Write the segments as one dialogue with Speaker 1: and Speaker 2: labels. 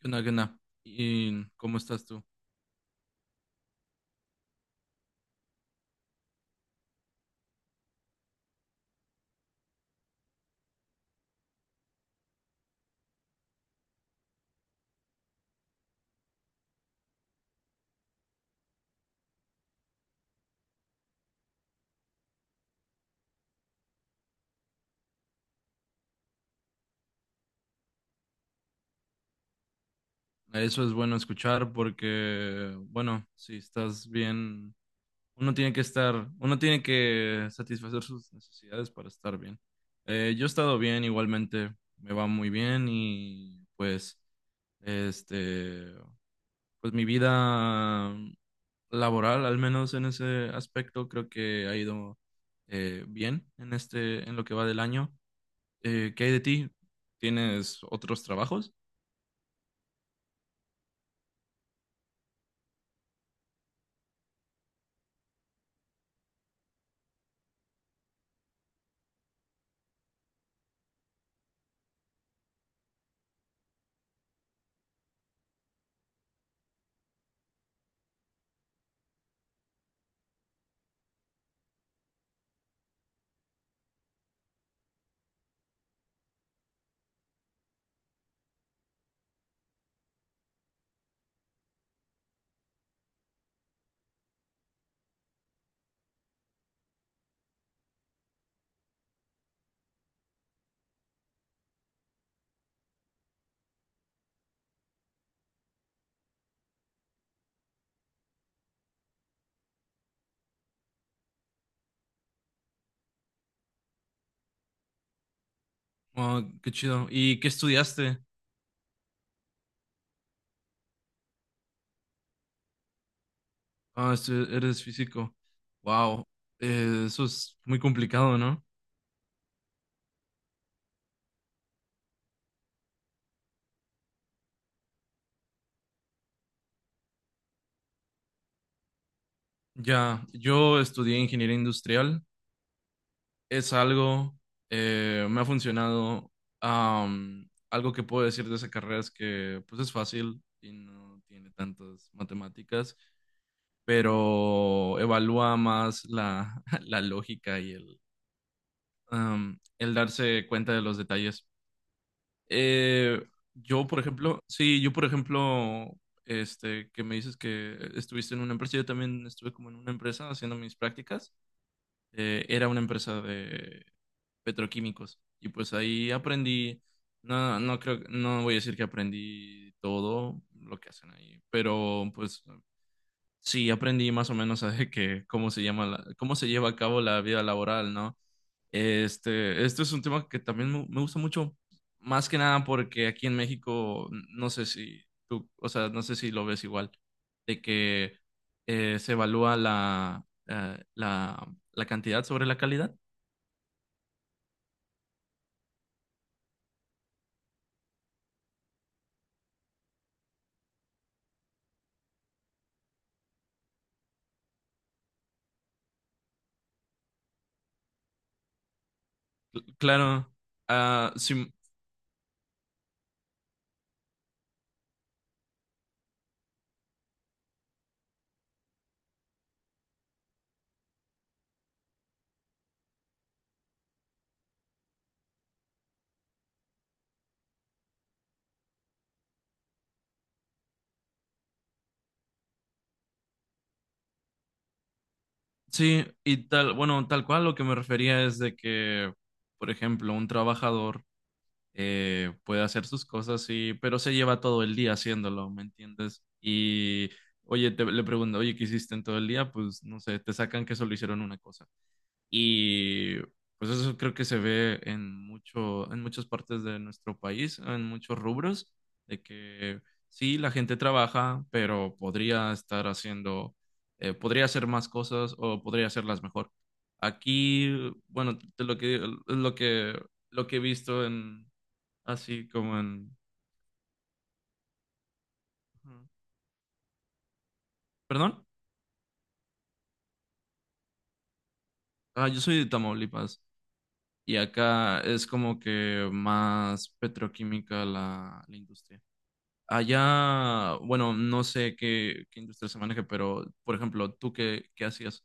Speaker 1: ¿Qué onda, qué onda? ¿Y cómo estás tú? Eso es bueno escuchar porque, bueno, si estás bien, uno tiene que satisfacer sus necesidades para estar bien. Yo he estado bien igualmente, me va muy bien y este, pues mi vida laboral, al menos en ese aspecto, creo que ha ido bien en este, en lo que va del año. ¿Qué hay de ti? ¿Tienes otros trabajos? Oh, qué chido. ¿Y qué estudiaste? Ah, eres físico. Wow, eso es muy complicado, ¿no? Ya, yo estudié ingeniería industrial. Es algo, me ha funcionado. Algo que puedo decir de esa carrera es que, pues, es fácil y no tiene tantas matemáticas, pero evalúa más la lógica y el darse cuenta de los detalles. Eh, yo, por ejemplo, que me dices que estuviste en una empresa, yo también estuve como en una empresa haciendo mis prácticas. Era una empresa de petroquímicos y pues ahí aprendí. No creo, no voy a decir que aprendí todo lo que hacen ahí, pero pues sí, aprendí más o menos a de que cómo se llama la- cómo se lleva a cabo la vida laboral, ¿no? Este, esto es un tema que también me gusta mucho, más que nada porque aquí en México, no sé si tú, o sea, no sé si lo ves igual, de que se evalúa la cantidad sobre la calidad. Claro, ah, sí, sí, y tal, bueno, tal cual lo que me refería es de que, por ejemplo, un trabajador puede hacer sus cosas, y, pero se lleva todo el día haciéndolo, ¿me entiendes? Y, oye, le pregunto, oye, ¿qué hiciste en todo el día? Pues, no sé, te sacan que solo hicieron una cosa. Y, pues eso creo que se ve en mucho, en muchas partes de nuestro país, en muchos rubros, de que sí, la gente trabaja, pero podría estar haciendo, podría hacer más cosas o podría hacerlas mejor. Aquí, bueno, de lo que, lo que, lo que he visto en, así como en… Ujú. ¿Perdón? Ah, yo soy de Tamaulipas y acá es como que más petroquímica la industria. Allá, bueno, no sé qué industria se maneja, pero, por ejemplo, ¿tú qué hacías?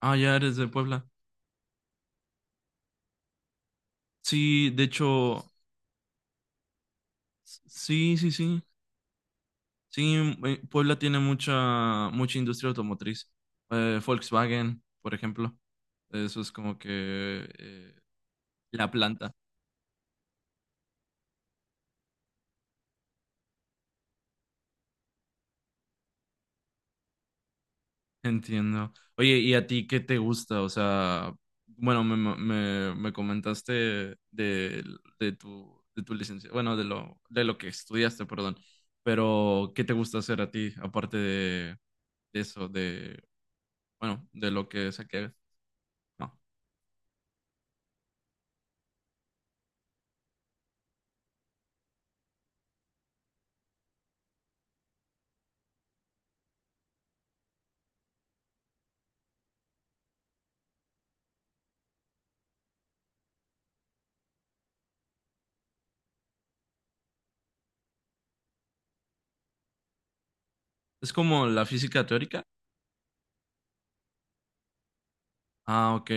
Speaker 1: Ah, ya eres de Puebla. Sí, de hecho, sí, sí, sí. Sí, Puebla tiene mucha industria automotriz. Volkswagen, por ejemplo. Eso es como que eh, la planta. Entiendo. Oye, ¿y a ti qué te gusta? O sea, bueno, me comentaste de, de tu licencia, bueno, de lo que estudiaste, perdón, pero ¿qué te gusta hacer a ti aparte de eso, de, bueno, de lo que saqué? No, es como la física teórica. Ah, ok.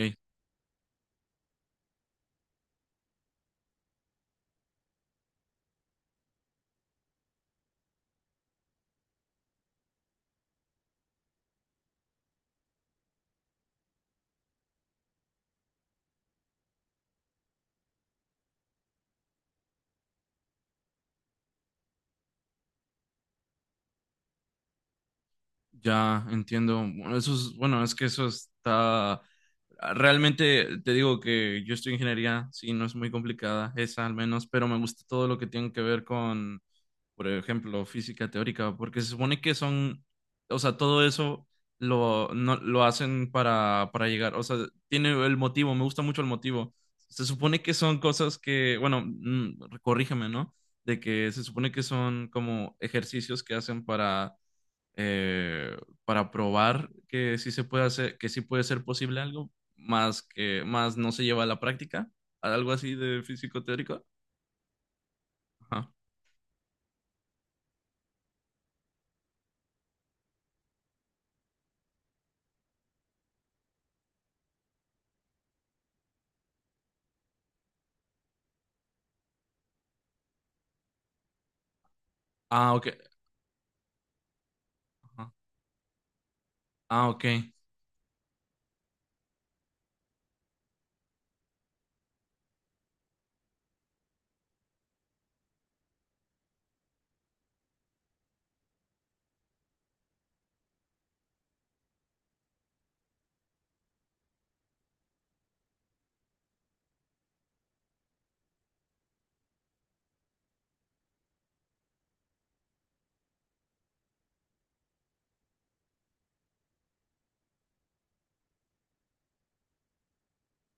Speaker 1: Ya, entiendo. Bueno, eso es, bueno, es que eso está realmente te digo que yo estoy en ingeniería, sí, no es muy complicada, esa al menos, pero me gusta todo lo que tiene que ver con, por ejemplo, física teórica, porque se supone que son, o sea, todo eso lo, no, lo hacen para llegar, o sea, tiene el motivo, me gusta mucho el motivo. Se supone que son cosas que, bueno, mm, corrígeme, ¿no? De que se supone que son como ejercicios que hacen eh, para probar que sí se puede hacer, que sí puede ser posible algo, más que más no se lleva a la práctica, algo así de físico teórico. Ajá. Ah, ok. Ajá. Ah, ok.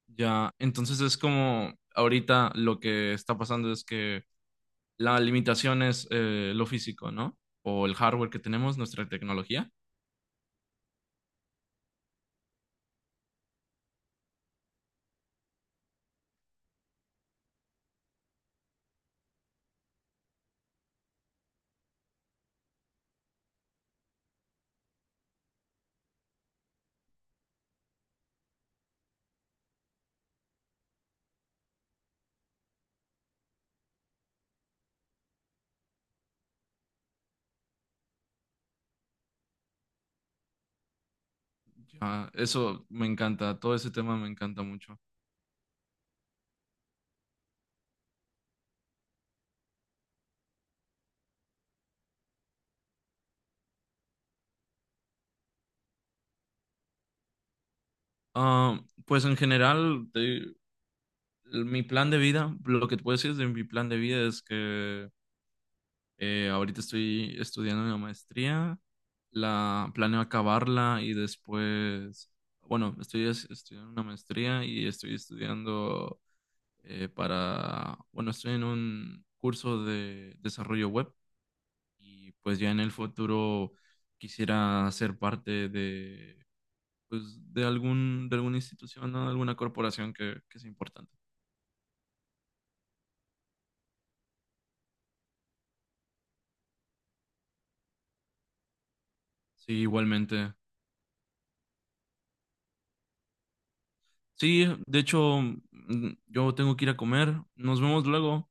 Speaker 1: Ya. Entonces es como ahorita lo que está pasando es que la limitación es lo físico, ¿no? O el hardware que tenemos, nuestra tecnología. Ya, eso me encanta, todo ese tema me encanta mucho. Ah, pues en general, mi plan de vida, lo que te puedo decir de mi plan de vida es que ahorita estoy estudiando una maestría, la planeo acabarla y después, bueno, estoy estudiando una maestría y estoy estudiando para, bueno, estoy en un curso de desarrollo web y pues ya en el futuro quisiera ser parte de, pues, de algún, de alguna institución, ¿no? Alguna corporación que sea importante. Sí, igualmente. Sí, de hecho, mm, yo tengo que ir a comer. Nos vemos luego.